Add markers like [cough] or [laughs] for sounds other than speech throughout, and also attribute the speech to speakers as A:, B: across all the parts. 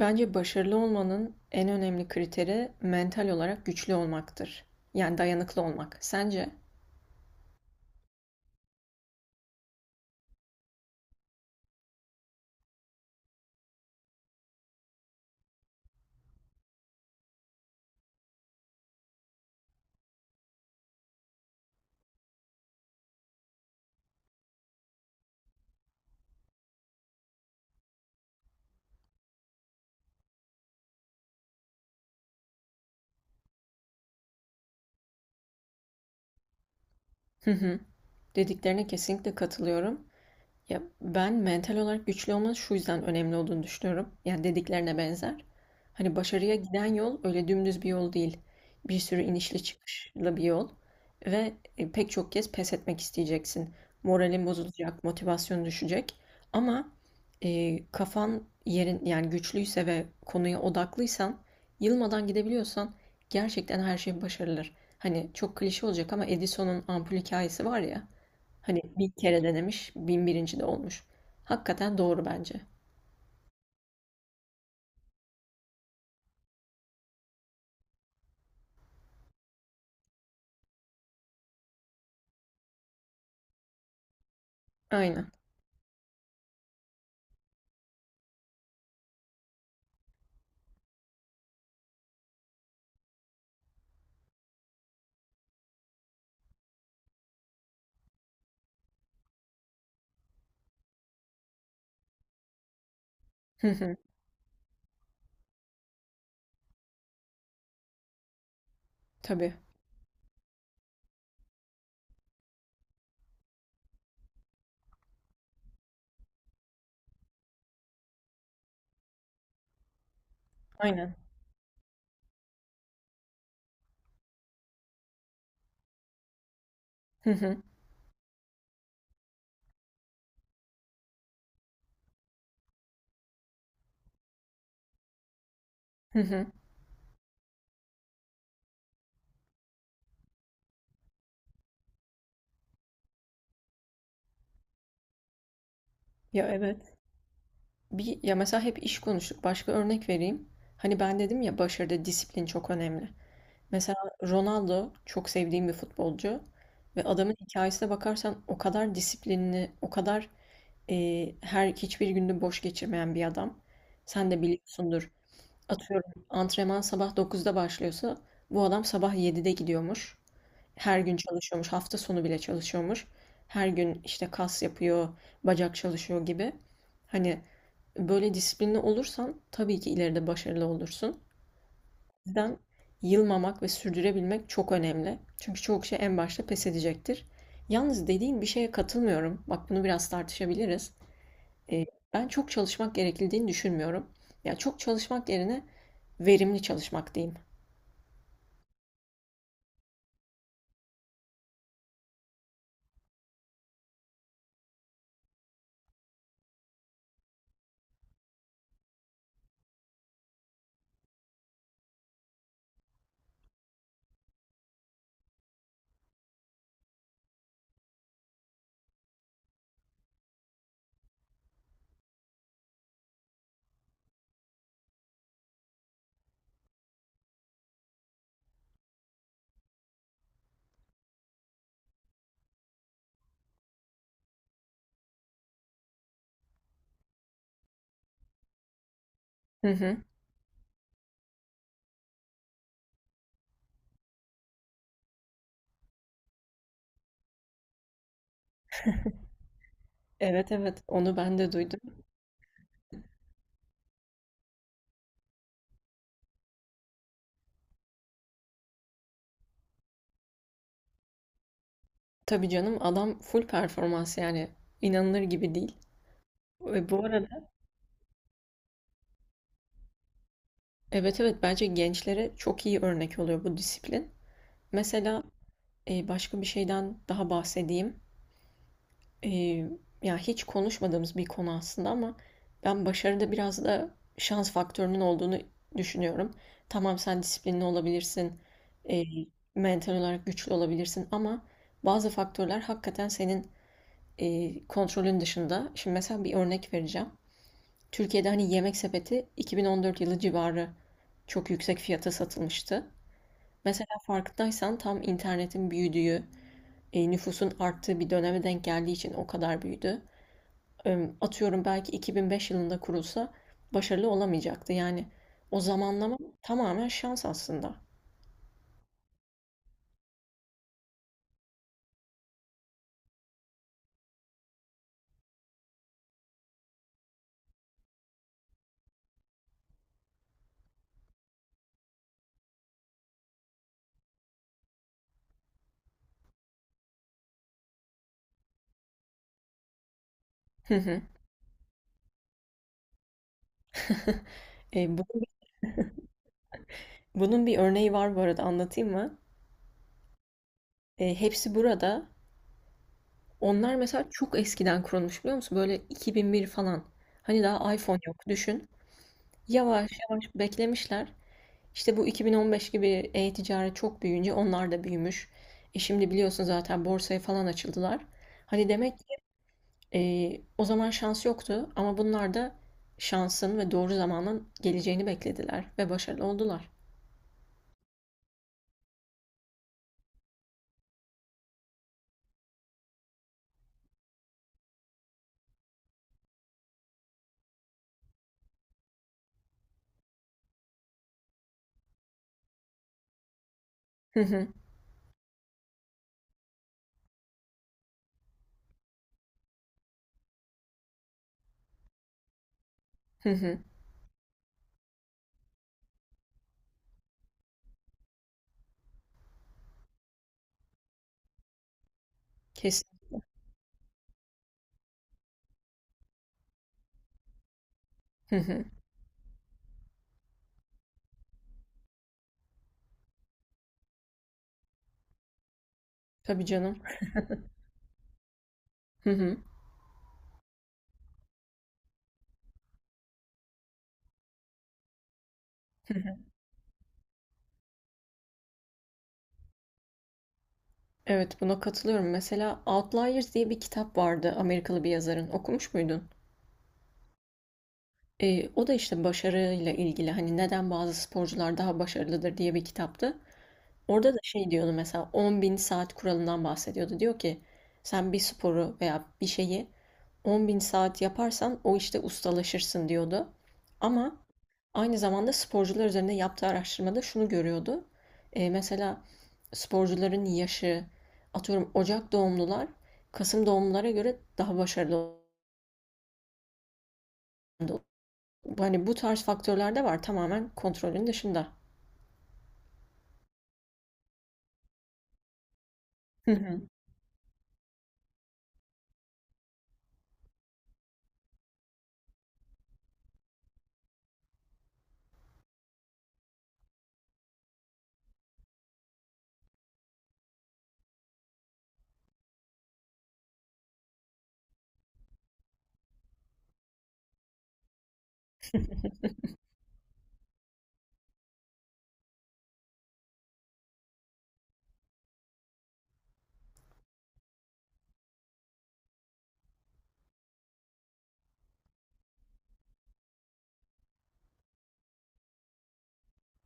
A: Bence başarılı olmanın en önemli kriteri mental olarak güçlü olmaktır. Yani dayanıklı olmak. Sence? Hı hı. Dediklerine kesinlikle katılıyorum. Ya ben mental olarak güçlü olmanın şu yüzden önemli olduğunu düşünüyorum. Yani dediklerine benzer. Hani başarıya giden yol öyle dümdüz bir yol değil. Bir sürü inişli çıkışlı bir yol. Ve pek çok kez pes etmek isteyeceksin. Moralin bozulacak, motivasyon düşecek. Ama kafan yerin yani güçlüyse ve konuya odaklıysan, yılmadan gidebiliyorsan gerçekten her şey başarılır. Hani çok klişe olacak ama Edison'un ampul hikayesi var ya. Hani bir kere denemiş, 1001. de olmuş. Hakikaten doğru bence. Aynen. Hı hı. Tabii. Aynen. Hı hı. Hı hı. Ya evet. Bir, ya mesela hep iş konuştuk. Başka örnek vereyim. Hani ben dedim ya başarıda disiplin çok önemli. Mesela Ronaldo çok sevdiğim bir futbolcu. Ve adamın hikayesine bakarsan o kadar disiplinli, o kadar e, her hiçbir gününü boş geçirmeyen bir adam. Sen de biliyorsundur. Atıyorum antrenman sabah 9'da başlıyorsa bu adam sabah 7'de gidiyormuş. Her gün çalışıyormuş. Hafta sonu bile çalışıyormuş. Her gün işte kas yapıyor, bacak çalışıyor gibi. Hani böyle disiplinli olursan tabii ki ileride başarılı olursun. O yüzden yılmamak ve sürdürebilmek çok önemli. Çünkü çoğu kişi en başta pes edecektir. Yalnız dediğin bir şeye katılmıyorum. Bak bunu biraz tartışabiliriz. E, Ben çok çalışmak gerekildiğini düşünmüyorum. Ya çok çalışmak yerine verimli çalışmak diyeyim. Hı hı. Evet, evet, onu ben de duydum. Tabii canım, adam full performans yani inanılır gibi değil. Ve bu arada evet, evet, bence gençlere çok iyi örnek oluyor bu disiplin. Mesela başka bir şeyden daha bahsedeyim. Eee, ya, hiç konuşmadığımız bir konu aslında ama ben başarıda biraz da şans faktörünün olduğunu düşünüyorum. Tamam, sen disiplinli olabilirsin, eee, mental olarak güçlü olabilirsin ama bazı faktörler hakikaten senin kontrolün dışında. Şimdi mesela bir örnek vereceğim. Türkiye'de hani Yemek Sepeti 2014 yılı civarı çok yüksek fiyata satılmıştı. Mesela farkındaysan tam internetin büyüdüğü, nüfusun arttığı bir döneme denk geldiği için o kadar büyüdü. Atıyorum belki 2005 yılında kurulsa başarılı olamayacaktı. Yani o zamanlama tamamen şans aslında. Hı hı. [laughs] Eee, bunun bunun bir örneği var, bu arada anlatayım mı? Hepsi Burada. Onlar mesela çok eskiden kurulmuş, biliyor musun? Böyle 2001 falan. Hani daha iPhone yok, düşün. Yavaş yavaş beklemişler. İşte bu 2015 gibi e-ticaret çok büyüyünce onlar da büyümüş. Şimdi biliyorsun zaten borsaya falan açıldılar. Hani demek, o zaman şans yoktu ama bunlar da şansın ve doğru zamanın geleceğini beklediler ve başarılı oldular. Hı hı, hı hı, kesin. Hı hı, tabii canım. Hı hı. Evet, buna katılıyorum. Mesela Outliers diye bir kitap vardı, Amerikalı bir yazarın. Okumuş muydun? O da işte başarıyla ilgili, hani neden bazı sporcular daha başarılıdır diye bir kitaptı. Orada da şey diyordu, mesela 10.000 saat kuralından bahsediyordu. Diyor ki sen bir sporu veya bir şeyi 10.000 saat yaparsan o işte ustalaşırsın diyordu. Ama aynı zamanda sporcular üzerinde yaptığı araştırmada şunu görüyordu. Mesela sporcuların yaşı, atıyorum Ocak doğumlular Kasım doğumlulara göre daha başarılı. Hani bu tarz faktörler de var, tamamen kontrolün dışında. Hı hı.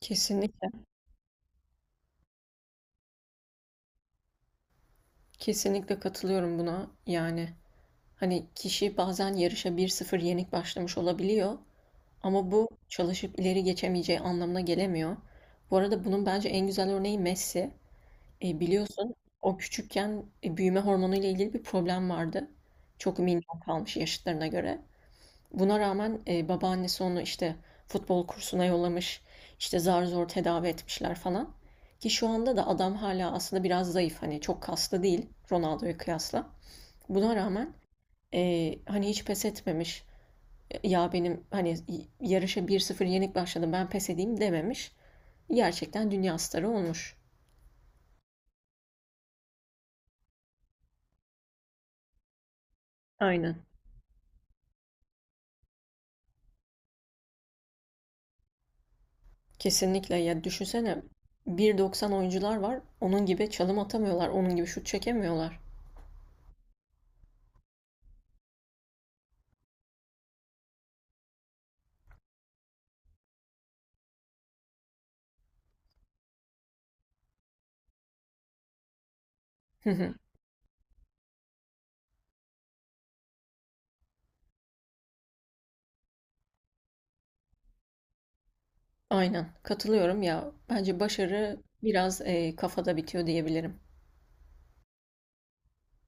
A: Kesinlikle. Kesinlikle katılıyorum buna yani. Hani kişi bazen yarışa 1-0 yenik başlamış olabiliyor ama bu çalışıp ileri geçemeyeceği anlamına gelemiyor. Bu arada bunun bence en güzel örneği Messi. Biliyorsun, o küçükken büyüme hormonu ile ilgili bir problem vardı. Çok minyon kalmış yaşıtlarına göre. Buna rağmen babaannesi onu işte futbol kursuna yollamış, işte zar zor tedavi etmişler falan. Ki şu anda da adam hala aslında biraz zayıf, hani çok kaslı değil Ronaldo'ya kıyasla. Buna rağmen hani hiç pes etmemiş. Ya benim hani yarışa 1-0 yenik başladım, ben pes edeyim dememiş. Gerçekten dünya starı olmuş. Aynen. Kesinlikle ya, düşünsene 1,90 oyuncular var. Onun gibi çalım atamıyorlar. Onun gibi şut çekemiyorlar. Hı hı. Aynen. Katılıyorum ya. Bence başarı biraz kafada bitiyor diyebilirim.